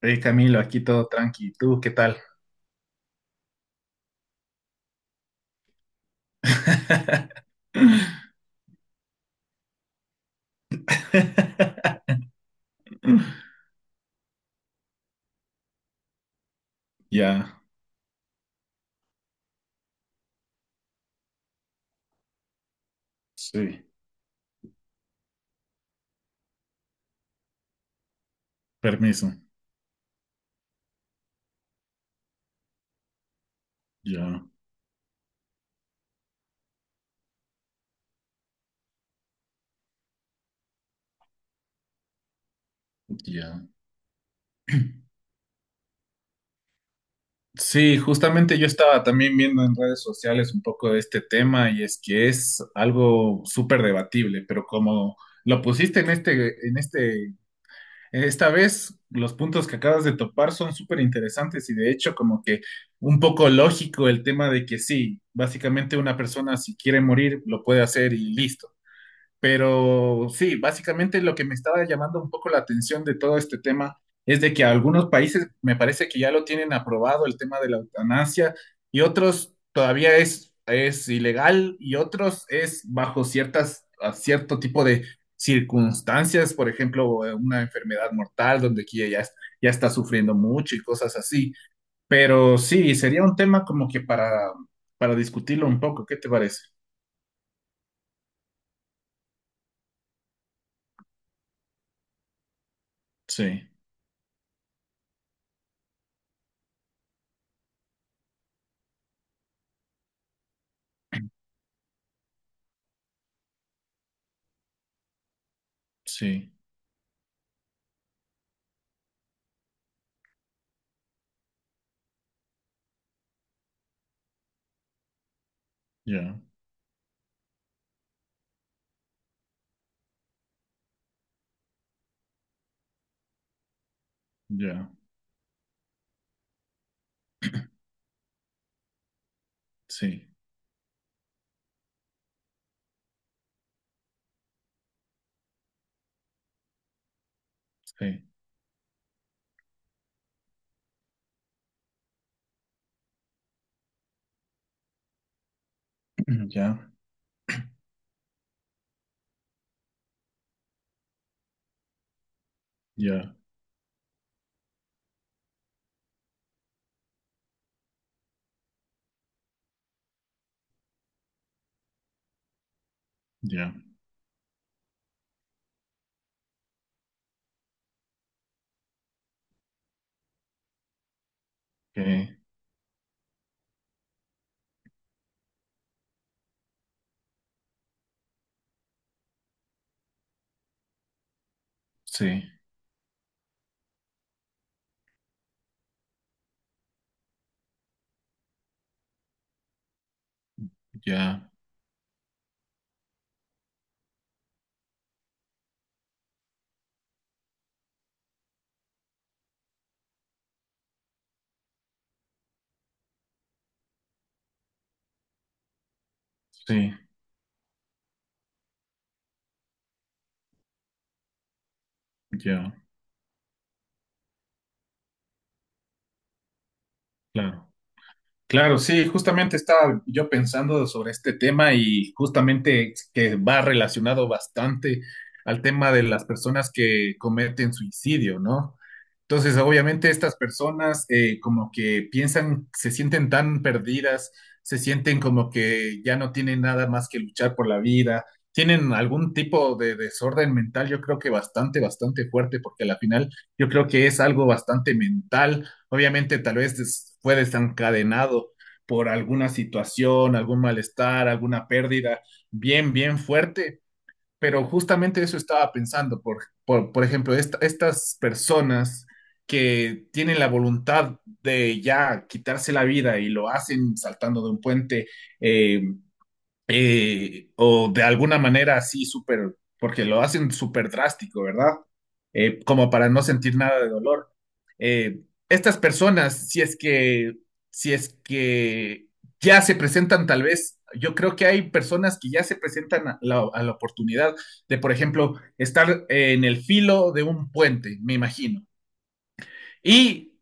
Hey Camilo, aquí todo tranqui. ¿Tú qué tal? Ya, sí. Permiso. Ya, ya. Sí, justamente yo estaba también viendo en redes sociales un poco de este tema y es que es algo súper debatible, pero como lo pusiste en este Esta vez los puntos que acabas de topar son súper interesantes y de hecho como que un poco lógico el tema de que sí, básicamente una persona si quiere morir lo puede hacer y listo. Pero sí, básicamente lo que me estaba llamando un poco la atención de todo este tema es de que algunos países me parece que ya lo tienen aprobado el tema de la eutanasia y otros todavía es ilegal y otros es bajo ciertas, a cierto tipo de circunstancias, por ejemplo, una enfermedad mortal donde aquí ya, ya está sufriendo mucho y cosas así. Pero sí, sería un tema como que para discutirlo un poco, ¿qué te parece? Sí, sí, ya, ya. Sí, sí, ya, ya, ya, eh, sí, ya, sí, ya, claro. Claro, sí, justamente estaba yo pensando sobre este tema y justamente que va relacionado bastante al tema de las personas que cometen suicidio, ¿no? Entonces, obviamente estas personas como que piensan, se sienten tan perdidas, se sienten como que ya no tienen nada más que luchar por la vida, tienen algún tipo de desorden mental, yo creo que bastante fuerte, porque al final yo creo que es algo bastante mental. Obviamente tal vez fue desencadenado por alguna situación, algún malestar, alguna pérdida bien fuerte, pero justamente eso estaba pensando, por ejemplo, estas personas que tienen la voluntad de ya quitarse la vida y lo hacen saltando de un puente, eh, o de alguna manera así súper, porque lo hacen súper drástico, ¿verdad? Como para no sentir nada de dolor. Eh, estas personas, si es que ya se presentan tal vez, yo creo que hay personas que ya se presentan a a la oportunidad de, por ejemplo, estar en el filo de un puente, me imagino. Y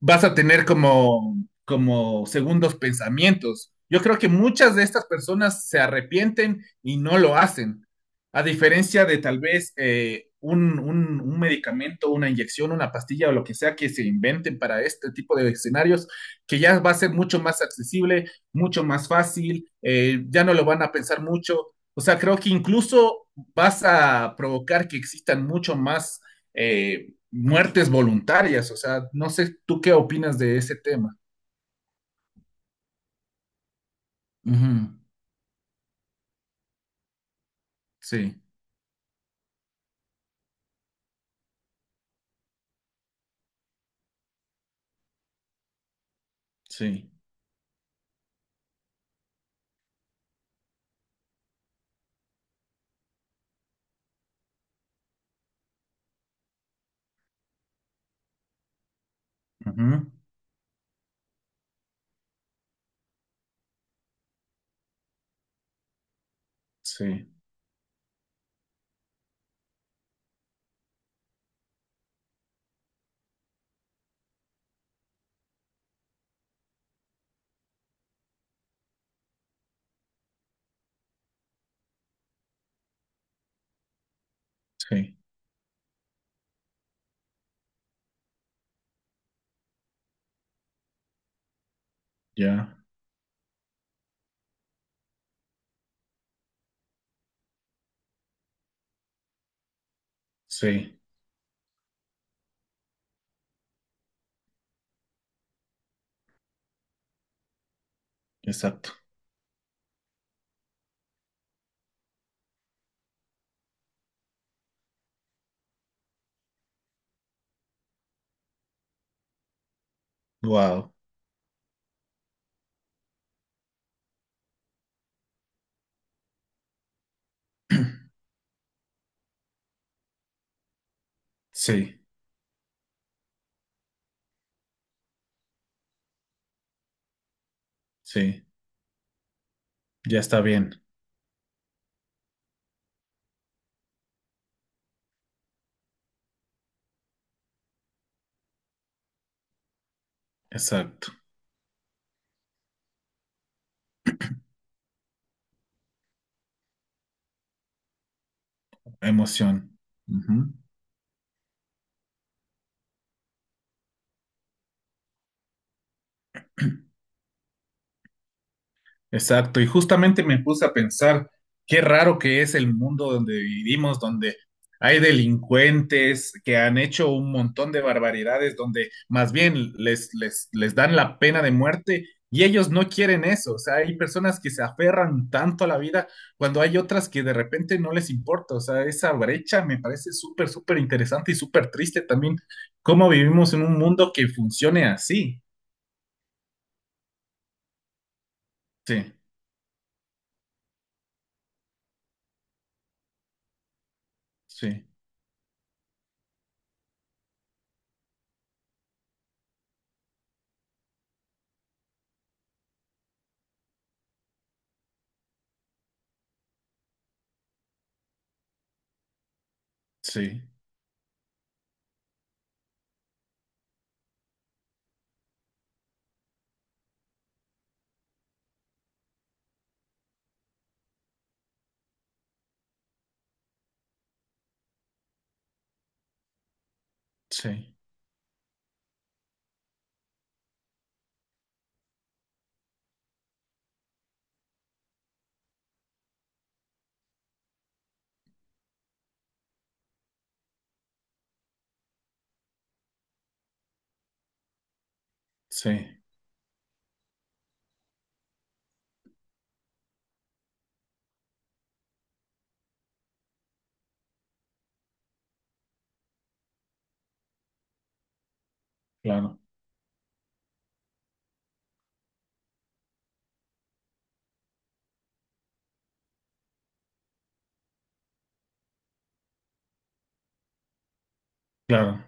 vas a tener como segundos pensamientos. Yo creo que muchas de estas personas se arrepienten y no lo hacen, a diferencia de tal vez un medicamento, una inyección, una pastilla o lo que sea que se inventen para este tipo de escenarios, que ya va a ser mucho más accesible, mucho más fácil, ya no lo van a pensar mucho. O sea, creo que incluso vas a provocar que existan mucho más eh, muertes voluntarias. O sea, no sé tú qué opinas de ese tema. Ujú, sí, sí, ujú, sí, sí, ya, sí, exacto. Wow, sí, sí, ya está bien, exacto. Emoción. Exacto, y justamente me puse a pensar qué raro que es el mundo donde vivimos, donde hay delincuentes que han hecho un montón de barbaridades, donde más bien les dan la pena de muerte y ellos no quieren eso. O sea, hay personas que se aferran tanto a la vida cuando hay otras que de repente no les importa. O sea, esa brecha me parece súper, súper interesante y súper triste también cómo vivimos en un mundo que funcione así. Sí, sí, sí, sí, sí. Claro, claro.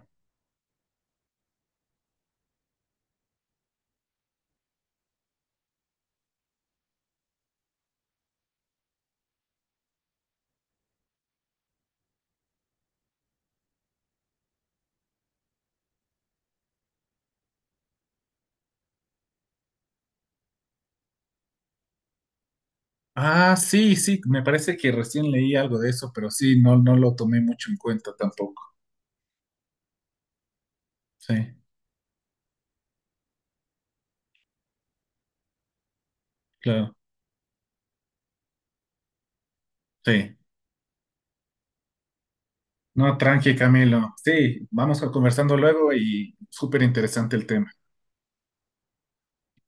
Ah, sí, sí, me parece que recién leí algo de eso, pero sí, no, no lo tomé mucho en cuenta tampoco. Sí, claro, sí. No, tranqui, Camilo. Sí, vamos a conversando luego y súper interesante el tema.